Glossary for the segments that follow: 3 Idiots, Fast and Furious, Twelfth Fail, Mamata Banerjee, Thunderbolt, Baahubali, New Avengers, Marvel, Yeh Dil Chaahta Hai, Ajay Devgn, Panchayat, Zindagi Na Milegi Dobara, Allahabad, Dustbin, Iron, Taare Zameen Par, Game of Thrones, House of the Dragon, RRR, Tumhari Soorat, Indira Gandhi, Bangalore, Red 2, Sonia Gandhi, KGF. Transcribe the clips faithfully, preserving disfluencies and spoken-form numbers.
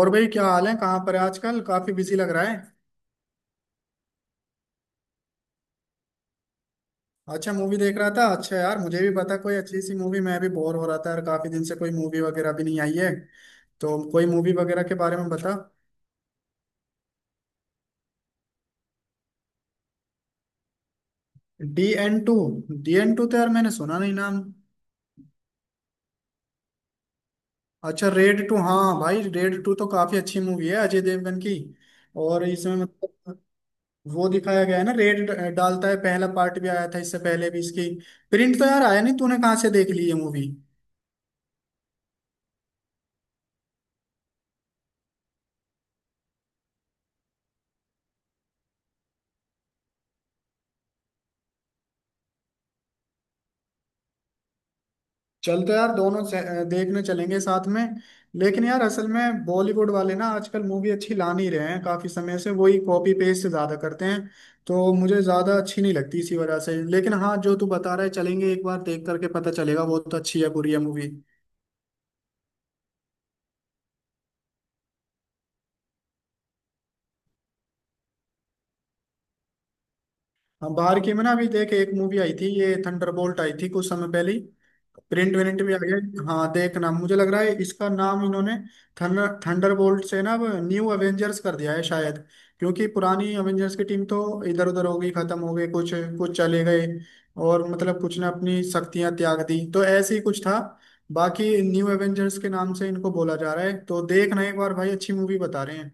और भाई, क्या हाल है? कहाँ पर है आजकल? काफी बिजी लग रहा है। अच्छा, मूवी देख रहा था। अच्छा यार, मुझे भी बता कोई अच्छी सी मूवी, मैं भी बोर हो रहा था यार, काफी दिन से कोई मूवी वगैरह भी नहीं आई है। तो कोई मूवी वगैरह के बारे में बता। D N two? D N two तो यार मैंने सुना नहीं नाम। अच्छा, रेड टू, हाँ भाई, रेड टू तो काफी अच्छी मूवी है अजय देवगन की। और इसमें मतलब वो दिखाया गया है ना, रेड डालता है। पहला पार्ट भी आया था इससे पहले भी इसकी। प्रिंट तो यार आया नहीं, तूने कहाँ से देख ली ये मूवी? चल तो यार, दोनों से- देखने चलेंगे साथ में। लेकिन यार असल में बॉलीवुड वाले ना आजकल मूवी अच्छी ला नहीं रहे हैं, काफी समय से वही कॉपी पेस्ट ज्यादा करते हैं। तो मुझे ज्यादा अच्छी नहीं लगती इसी वजह से। लेकिन हाँ, जो तू बता रहा है चलेंगे एक बार, देख करके पता चलेगा वो तो अच्छी है बुरी है मूवी। हाँ, बाहर की में ना अभी देख, एक मूवी आई थी ये थंडरबोल्ट, आई थी कुछ समय पहले। प्रिंट विंट भी आ गया। हाँ देखना, मुझे लग रहा है इसका नाम इन्होंने थंडर थंडरबोल्ट से ना अब न्यू एवेंजर्स कर दिया है शायद। क्योंकि पुरानी एवेंजर्स की टीम तो इधर उधर हो गई, खत्म हो गई कुछ, कुछ चले गए। और मतलब कुछ ने अपनी शक्तियां त्याग दी, तो ऐसे ही कुछ था। बाकी न्यू एवेंजर्स के नाम से इनको बोला जा रहा है, तो देखना एक बार भाई, अच्छी मूवी बता रहे हैं।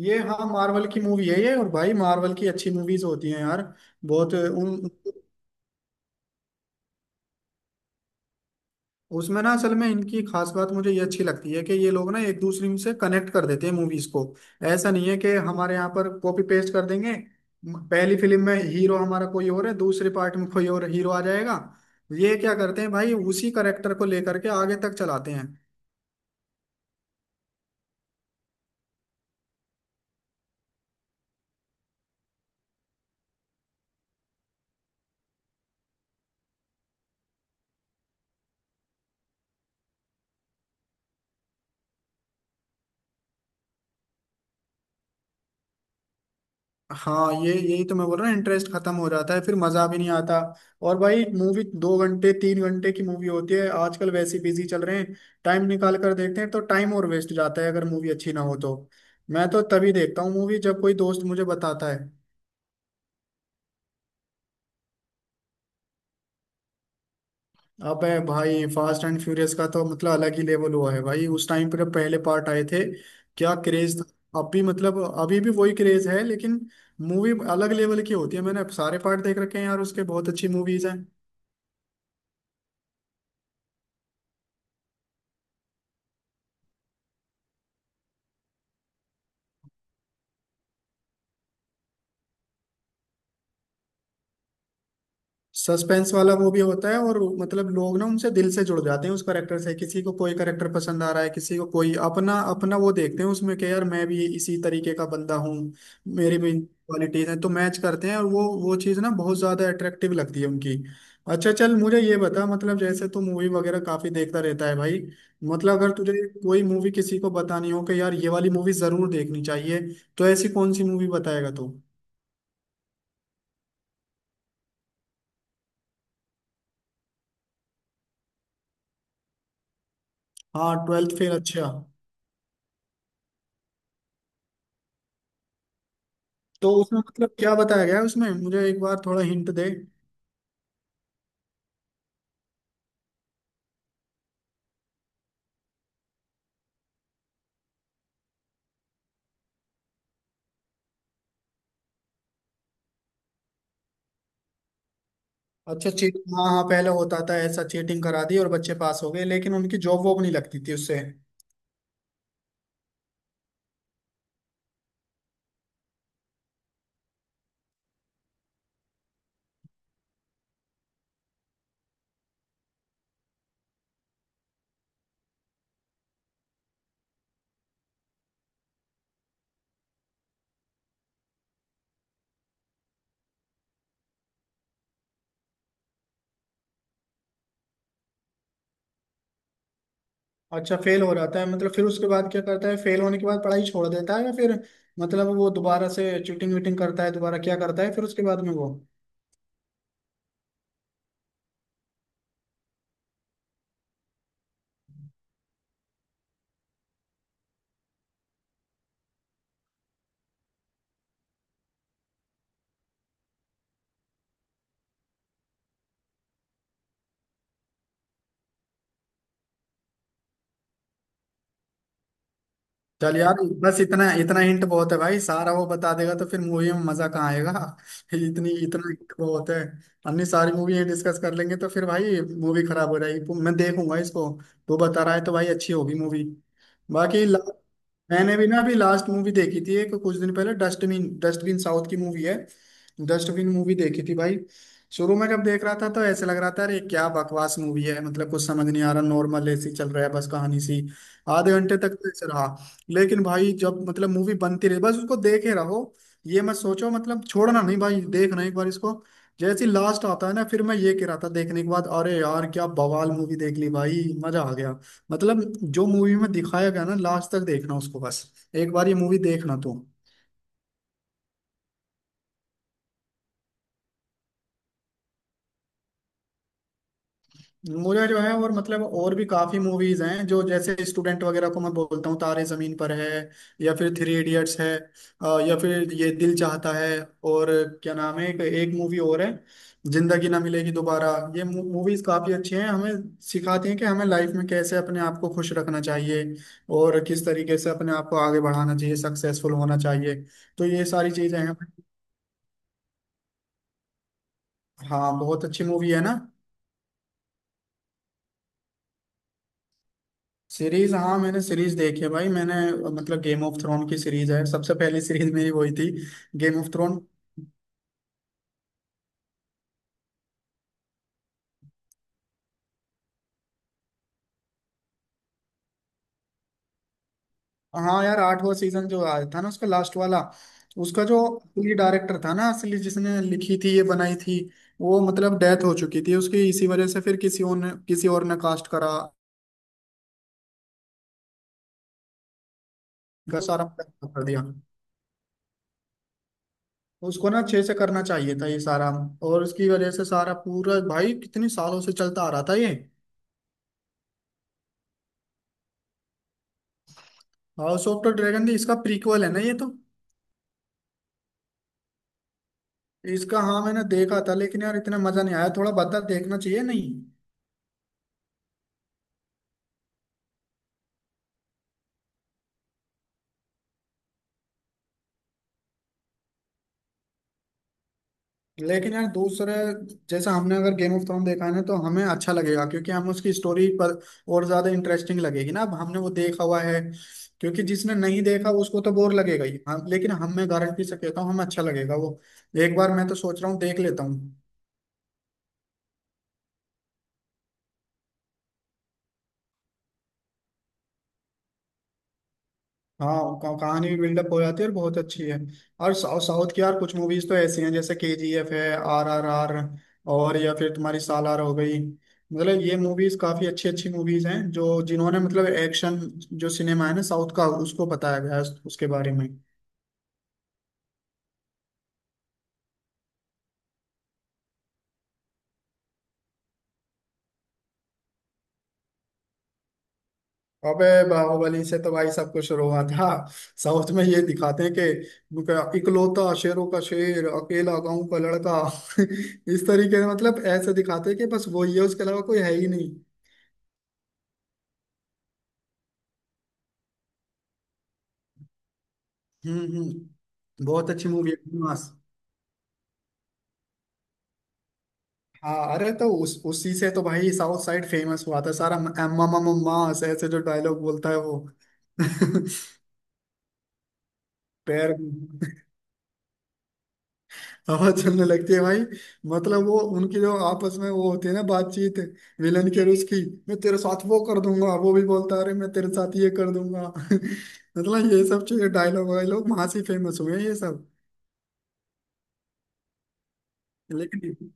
ये हाँ, मार्वल की मूवी है ये। और भाई मार्वल की अच्छी मूवीज होती हैं यार। बहुत उन उसमें ना असल में इनकी खास बात मुझे ये अच्छी लगती है कि ये लोग ना एक दूसरे से कनेक्ट कर देते हैं मूवीज को। ऐसा नहीं है कि हमारे यहाँ पर कॉपी पेस्ट कर देंगे। म- पहली फिल्म में हीरो हमारा कोई और है, दूसरे पार्ट में कोई और हीरो आ जाएगा। ये क्या करते हैं भाई, उसी करेक्टर को लेकर के आगे तक चलाते हैं। हाँ, ये यही तो मैं बोल रहा हूँ, इंटरेस्ट खत्म हो जाता है फिर मजा भी नहीं आता। और भाई मूवी दो घंटे तीन घंटे की मूवी होती है, आजकल वैसे बिजी चल रहे हैं। टाइम निकाल कर देखते हैं तो टाइम और वेस्ट जाता है अगर मूवी अच्छी ना हो तो। मैं तो तभी देखता हूँ मूवी जब कोई दोस्त मुझे बताता है। अबे भाई, फास्ट एंड फ्यूरियस का तो मतलब अलग ही लेवल हुआ है भाई, उस टाइम पर जब पहले पार्ट आए थे। क्या क्रेज था। अब भी मतलब अभी भी वही क्रेज है, लेकिन मूवी अलग लेवल की होती है, मैंने सारे पार्ट देख रखे हैं यार उसके, बहुत अच्छी मूवीज हैं। सस्पेंस वाला वो भी होता है, और मतलब लोग ना उनसे दिल से जुड़ जाते हैं उस करेक्टर से, किसी को कोई करेक्टर पसंद आ रहा है, किसी को कोई, अपना अपना वो देखते हैं उसमें कि यार मैं भी इसी तरीके का बंदा हूँ। मेरी भी क्वालिटीज हैं तो मैच करते हैं, और वो वो चीज़ ना बहुत ज्यादा अट्रैक्टिव लगती है उनकी। अच्छा चल, मुझे ये बता, मतलब जैसे तू मूवी वगैरह काफी देखता रहता है भाई। मतलब अगर तुझे कोई मूवी किसी को बतानी हो कि यार ये वाली मूवी जरूर देखनी चाहिए, तो ऐसी कौन सी मूवी बताएगा तू? हाँ, ट्वेल्थ फेल, अच्छा। तो उसमें मतलब क्या बताया गया है उसमें, मुझे एक बार थोड़ा हिंट दे। अच्छा चीट, हाँ हाँ, पहले होता था ऐसा, चीटिंग करा दी और बच्चे पास हो गए लेकिन उनकी जॉब वॉब नहीं लगती थी उससे। अच्छा, फेल हो जाता है मतलब? फिर उसके बाद क्या करता है, फेल होने के बाद पढ़ाई छोड़ देता है या फिर, मतलब वो दोबारा से चीटिंग वीटिंग करता है दोबारा, क्या करता है फिर उसके बाद में वो? चल यार, बस इतना इतना हिंट बहुत है भाई, सारा वो बता देगा तो फिर मूवी में मजा कहाँ आएगा। इतनी इतना हिंट बहुत है। अन्य सारी मूवी डिस्कस कर लेंगे तो फिर भाई मूवी खराब हो जाएगी, मैं देखूंगा इसको। तू बता रहा है तो भाई अच्छी होगी मूवी। बाकी ला- मैंने भी ना अभी लास्ट मूवी देखी थी एक कुछ दिन पहले, डस्टबिन, डस्टबिन साउथ की मूवी है। डस्टबिन मूवी देखी थी भाई। शुरू में जब देख रहा था तो ऐसे लग रहा था, अरे क्या बकवास मूवी है, मतलब कुछ समझ नहीं आ रहा, नॉर्मल ऐसी चल रहा है बस कहानी सी। आधे घंटे तक तो ऐसे रहा। लेकिन भाई जब मतलब मूवी बनती रही, बस उसको देखे रहो। ये मत सोचो मतलब, छोड़ना नहीं भाई, देखना एक बार इसको। जैसे लास्ट आता है ना, फिर मैं ये कह रहा था देखने के बाद, अरे यार क्या बवाल मूवी देख ली भाई, मजा आ गया। मतलब जो मूवी में दिखाया गया ना, लास्ट तक देखना उसको बस। एक बार ये मूवी देखना तुम। मुझे जो है, और मतलब और भी काफी मूवीज हैं जो जैसे स्टूडेंट वगैरह को मैं बोलता हूँ, तारे जमीन पर है। या फिर थ्री इडियट्स है। अ, या फिर ये दिल चाहता है। और क्या नाम है, एक, एक मूवी और है, जिंदगी ना मिलेगी दोबारा। ये मूवीज काफी अच्छी हैं, हमें सिखाती हैं कि हमें लाइफ में कैसे अपने आप को खुश रखना चाहिए, और किस तरीके से अपने आप को आगे बढ़ाना चाहिए, सक्सेसफुल होना चाहिए। तो ये सारी चीजें हैं। हाँ, बहुत अच्छी मूवी है ना। सीरीज, हाँ मैंने सीरीज देखी है भाई, मैंने मतलब गेम ऑफ थ्रोन की सीरीज है, सबसे पहली सीरीज मेरी वही थी। Game of Throne. हाँ यार, आठवां सीजन जो आया था ना उसका लास्ट वाला, उसका जो असली डायरेक्टर था ना, असली जिसने लिखी थी, ये बनाई थी, वो मतलब डेथ हो चुकी थी उसकी, इसी वजह से फिर किसी और ने, किसी और ने कास्ट करा का सारा production कर दिया। उसको ना अच्छे से करना चाहिए था ये सारा, और उसकी वजह से सारा पूरा भाई, कितने सालों से चलता आ रहा था ये। हाउस ऑफ द ड्रैगन भी इसका प्रीक्वल है ना ये तो। इसका, हाँ मैंने देखा था, लेकिन यार इतना मजा नहीं आया, थोड़ा बदला देखना चाहिए नहीं? लेकिन यार दूसरे, जैसा हमने अगर गेम ऑफ थ्रोन देखा है ना तो हमें अच्छा लगेगा, क्योंकि हम उसकी स्टोरी पर और ज्यादा इंटरेस्टिंग लगेगी ना, अब हमने वो देखा हुआ है। क्योंकि जिसने नहीं देखा उसको तो बोर लगेगा ही, हाँ लेकिन हम मैं गारंटी से कहता हूँ हमें अच्छा लगेगा वो। एक बार मैं तो सोच रहा हूँ देख लेता हूँ। हाँ क- कहानी भी बिल्डअप हो जाती है और बहुत अच्छी है। और साउथ साउथ की यार, कुछ मूवीज तो ऐसी हैं जैसे के जी एफ है, आर आर आर, और या फिर तुम्हारी सालार हो गई, मतलब ये मूवीज काफी अच्छी अच्छी मूवीज हैं जो जिन्होंने मतलब एक्शन, जो सिनेमा है ना साउथ का उसको बताया गया है उस- उसके बारे में। अबे बाहुबली से तो भाई सब कुछ हुआ था। साउथ में ये दिखाते हैं कि इकलौता शेरों का शेर अकेला गांव का लड़का इस तरीके से मतलब ऐसे दिखाते हैं कि बस वो ही है, उसके अलावा कोई है ही नहीं। हम्म हम्म, बहुत अच्छी मूवी है मास। हाँ अरे, तो उस उसी से तो भाई साउथ साइड फेमस हुआ था सारा, अम्मा मम्मा माँ, ऐसे ऐसे जो डायलॉग बोलता है वो। पैर में हवा चलने लगती है भाई। मतलब वो उनकी जो आपस में वो होती है ना बातचीत, विलन के और उसकी, मैं तेरे साथ वो कर दूंगा, वो भी बोलता है अरे मैं तेरे साथ ये कर दूंगा। मतलब ये सब चीजें डायलॉग वायलॉग वहां से फेमस हुए हैं ये सब। लेकिन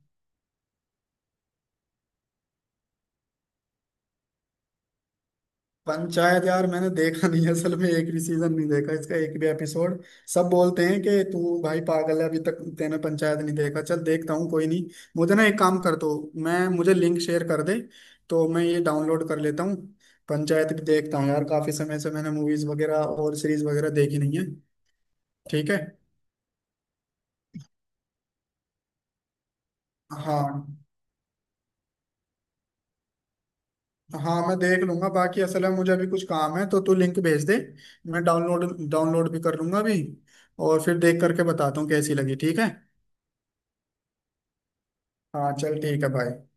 पंचायत यार मैंने देखा नहीं है, असल में एक भी सीजन नहीं देखा इसका, एक भी एपिसोड। सब बोलते हैं कि तू भाई पागल है अभी तक तेने पंचायत नहीं देखा, चल देखता हूँ कोई नहीं। मुझे ना एक काम कर दो, मैं मुझे लिंक शेयर कर दे, तो मैं ये डाउनलोड कर लेता हूँ। पंचायत भी देखता हूँ यार, काफी समय से मैंने मूवीज वगैरह और सीरीज वगैरह देखी नहीं है। ठीक है। हाँ, हाँ मैं देख लूंगा, बाकी असल में मुझे अभी कुछ काम है, तो तू लिंक भेज दे, मैं डाउनलोड डाउनलोड भी कर लूंगा अभी, और फिर देख करके बताता हूँ कैसी लगी, ठीक है। हाँ चल, ठीक है भाई।